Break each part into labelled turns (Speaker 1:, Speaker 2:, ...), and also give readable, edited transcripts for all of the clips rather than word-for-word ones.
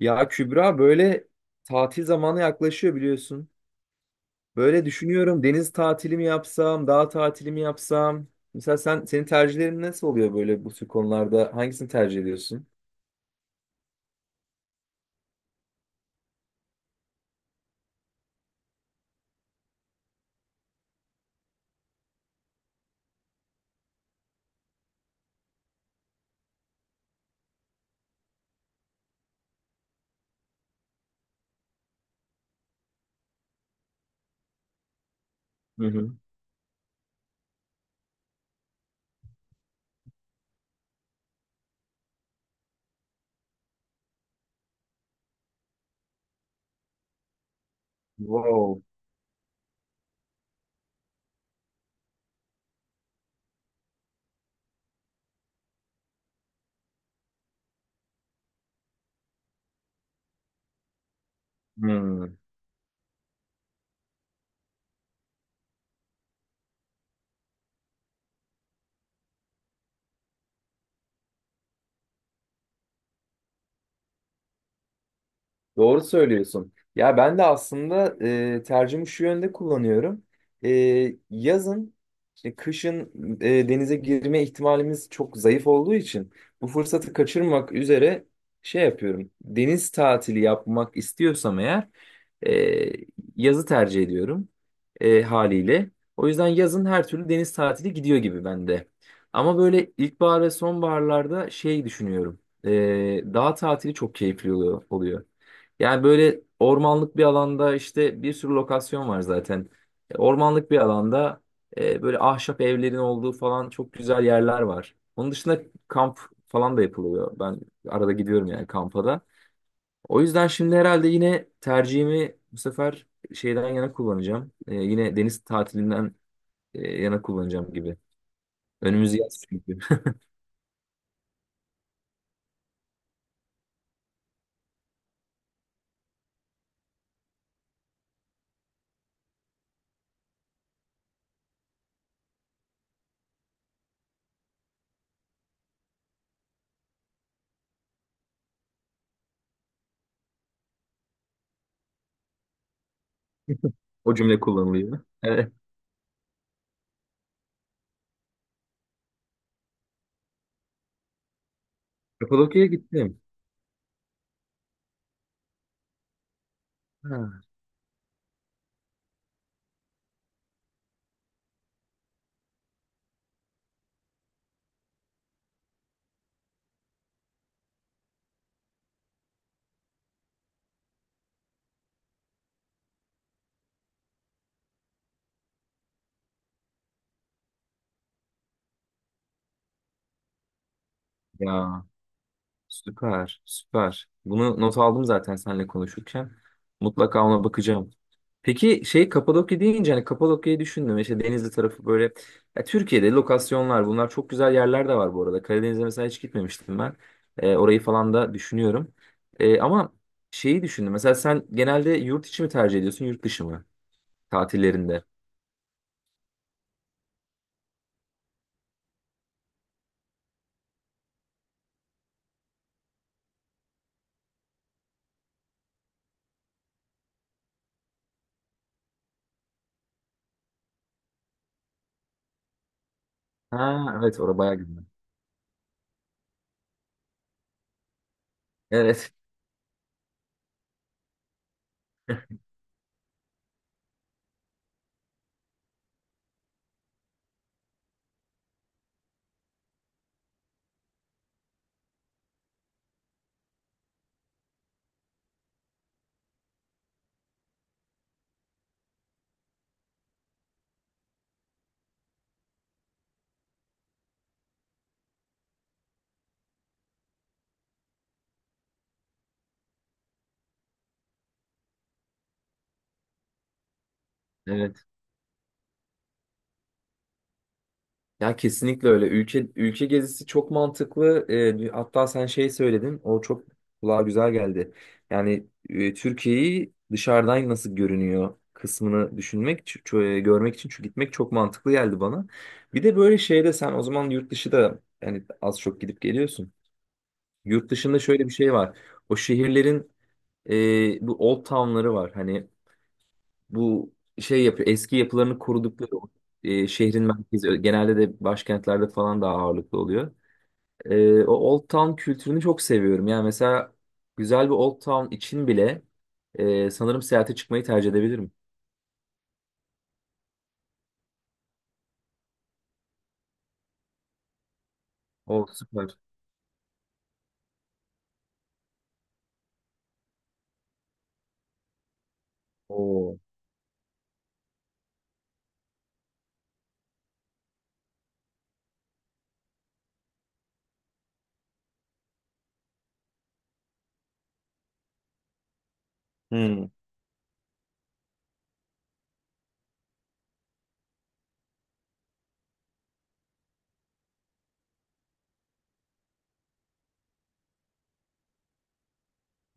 Speaker 1: Ya Kübra böyle tatil zamanı yaklaşıyor biliyorsun. Böyle düşünüyorum, deniz tatili mi yapsam, dağ tatili mi yapsam? Mesela sen, senin tercihlerin nasıl oluyor böyle bu tür konularda? Hangisini tercih ediyorsun? Hı hı. Wow. Hmm. Doğru söylüyorsun. Ya ben de aslında tercihimi şu yönde kullanıyorum. E, Yazın, işte kışın denize girme ihtimalimiz çok zayıf olduğu için bu fırsatı kaçırmak üzere şey yapıyorum. Deniz tatili yapmak istiyorsam eğer e, yazı tercih ediyorum, haliyle. O yüzden yazın her türlü deniz tatili gidiyor gibi bende. Ama böyle ilkbahar ve sonbaharlarda şey düşünüyorum. E, Dağ tatili çok keyifli oluyor. Yani böyle ormanlık bir alanda, işte bir sürü lokasyon var zaten. Ormanlık bir alanda böyle ahşap evlerin olduğu falan çok güzel yerler var. Onun dışında kamp falan da yapılıyor. Ben arada gidiyorum yani kampa da. O yüzden şimdi herhalde yine tercihimi bu sefer şeyden yana kullanacağım. Yine deniz tatilinden yana kullanacağım gibi. Önümüz yaz çünkü. O cümle kullanılıyor. Evet. Kapadokya'ya gittim. Ha. Ya, süper, süper. Bunu not aldım zaten seninle konuşurken. Mutlaka ona bakacağım. Peki şey, Kapadokya deyince hani Kapadokya'yı düşündüm. İşte Denizli tarafı böyle. Ya, Türkiye'de lokasyonlar, bunlar çok güzel yerler de var bu arada. Karadeniz'e mesela hiç gitmemiştim ben. Orayı falan da düşünüyorum. Ama şeyi düşündüm. Mesela sen genelde yurt içi mi tercih ediyorsun, yurt dışı mı? Tatillerinde. Ha evet, orada bayağı güzel. Evet, evet. Ya kesinlikle öyle. Ülke ülke gezisi çok mantıklı. Hatta sen şey söyledin, o çok kulağa güzel geldi. Yani Türkiye'yi dışarıdan nasıl görünüyor kısmını düşünmek, görmek için çünkü gitmek çok mantıklı geldi bana. Bir de böyle şeyde, sen o zaman yurt dışı da yani az çok gidip geliyorsun. Yurt dışında şöyle bir şey var. O şehirlerin bu old town'ları var. Hani bu şey yapıyor, eski yapılarını korudukları o, şehrin merkezi, genelde de başkentlerde falan daha ağırlıklı oluyor. O Old Town kültürünü çok seviyorum. Yani mesela güzel bir Old Town için bile sanırım seyahate çıkmayı tercih edebilirim. O süper. Oo. Hmm.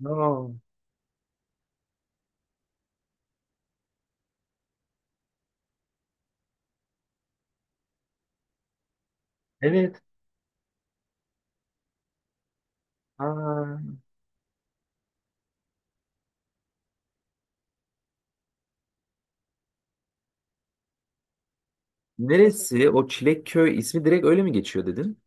Speaker 1: Aa, evet. Aa. Neresi? O Çilekköy ismi direkt öyle mi geçiyor dedin?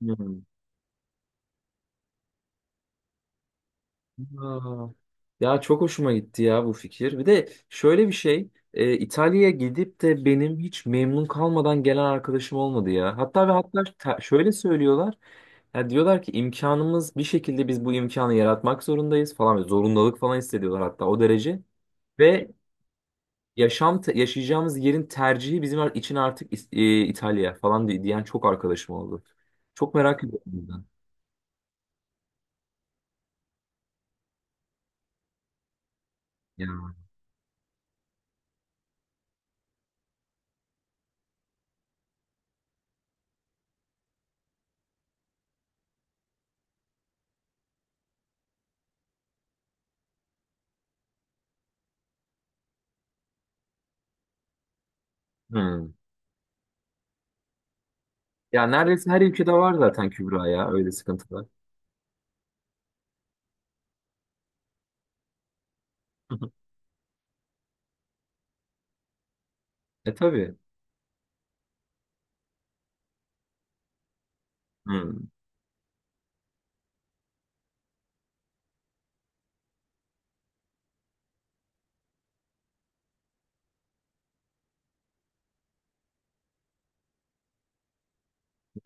Speaker 1: Hmm. Aa, ya çok hoşuma gitti ya bu fikir. Bir de şöyle bir şey, İtalya'ya gidip de benim hiç memnun kalmadan gelen arkadaşım olmadı ya. Hatta ve hatta şöyle söylüyorlar. Ya diyorlar ki, imkanımız bir şekilde, biz bu imkanı yaratmak zorundayız falan. Zorundalık falan hissediyorlar hatta, o derece. Ve yaşam yaşayacağımız yerin tercihi bizim için artık İtalya falan diyen çok arkadaşım oldu. Çok merak ediyorum bundan. Ya. Hmm. Ya neredeyse her ülkede var zaten Kübra ya, öyle sıkıntılar. E tabii. Hmm,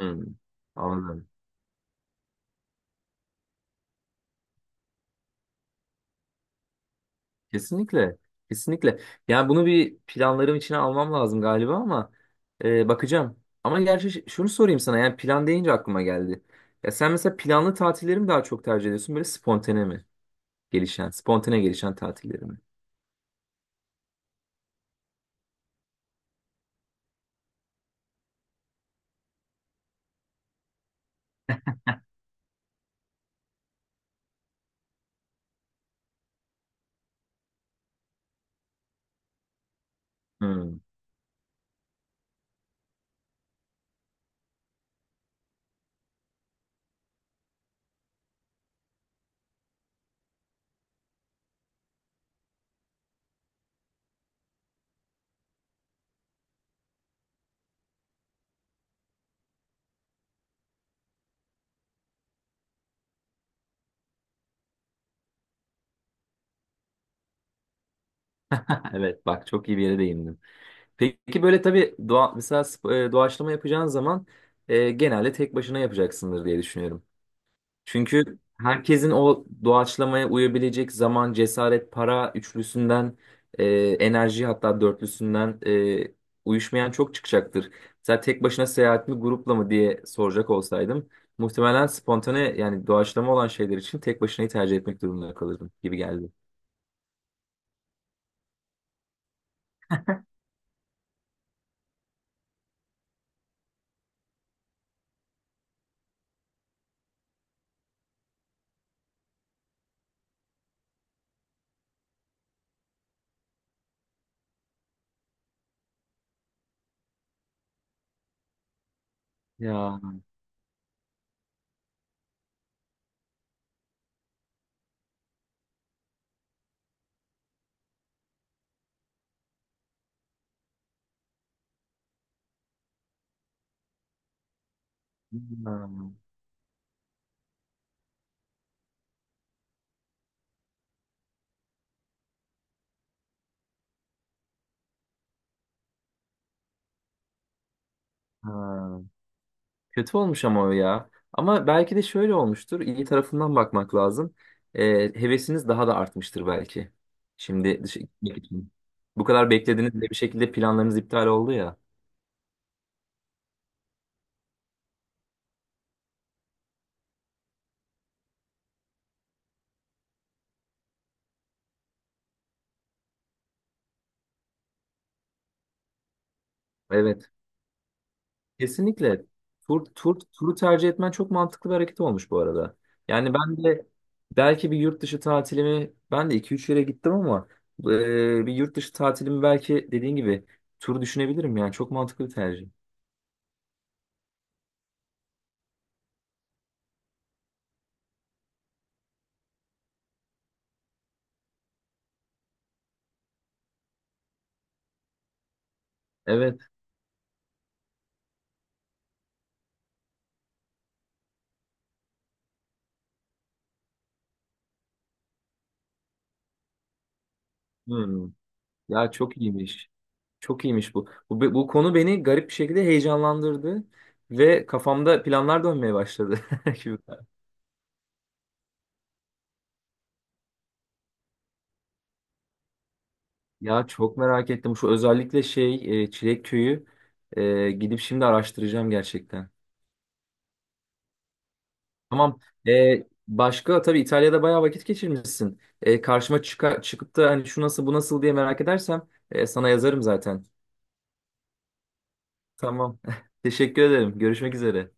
Speaker 1: hmm. Anladım. Kesinlikle. Kesinlikle. Yani bunu bir planlarım içine almam lazım galiba ama bakacağım. Ama gerçi şunu sorayım sana, yani plan deyince aklıma geldi. Ya sen mesela planlı tatilleri mi daha çok tercih ediyorsun, böyle spontane mi? Gelişen, spontane gelişen tatilleri mi? Hmm. Evet bak, çok iyi bir yere değindim. Peki böyle tabii doğaçlama yapacağın zaman genelde tek başına yapacaksındır diye düşünüyorum. Çünkü herkesin o doğaçlamaya uyabilecek zaman, cesaret, para üçlüsünden, e, enerji hatta dörtlüsünden uyuşmayan çok çıkacaktır. Mesela tek başına seyahat mi, grupla mı diye soracak olsaydım, muhtemelen spontane yani doğaçlama olan şeyler için tek başınayı tercih etmek durumunda kalırdım gibi geldi. Ya. Ha. Ha. Kötü olmuş ama o ya. Ama belki de şöyle olmuştur, İyi tarafından bakmak lazım. Ee, Hevesiniz daha da artmıştır belki. Şimdi dışarı gitmek için. Bu kadar beklediniz ve bir şekilde planlarınız iptal oldu ya. Evet. Kesinlikle. Turu tercih etmen çok mantıklı bir hareket olmuş bu arada. Yani ben de belki bir yurt dışı tatilimi, ben de iki üç yere gittim ama bir yurt dışı tatilimi belki dediğin gibi tur düşünebilirim, yani çok mantıklı bir tercih. Evet. Hmm. Ya çok iyiymiş. Çok iyiymiş bu. Bu konu beni garip bir şekilde heyecanlandırdı ve kafamda planlar dönmeye başladı. Şimdi- Ya çok merak ettim. Şu özellikle şey, Çilek Köyü, gidip şimdi araştıracağım gerçekten. Tamam. Başka, tabii İtalya'da bayağı vakit geçirmişsin. E, karşıma çıkıp da hani şu nasıl bu nasıl diye merak edersem sana yazarım zaten. Tamam. Teşekkür ederim. Görüşmek üzere.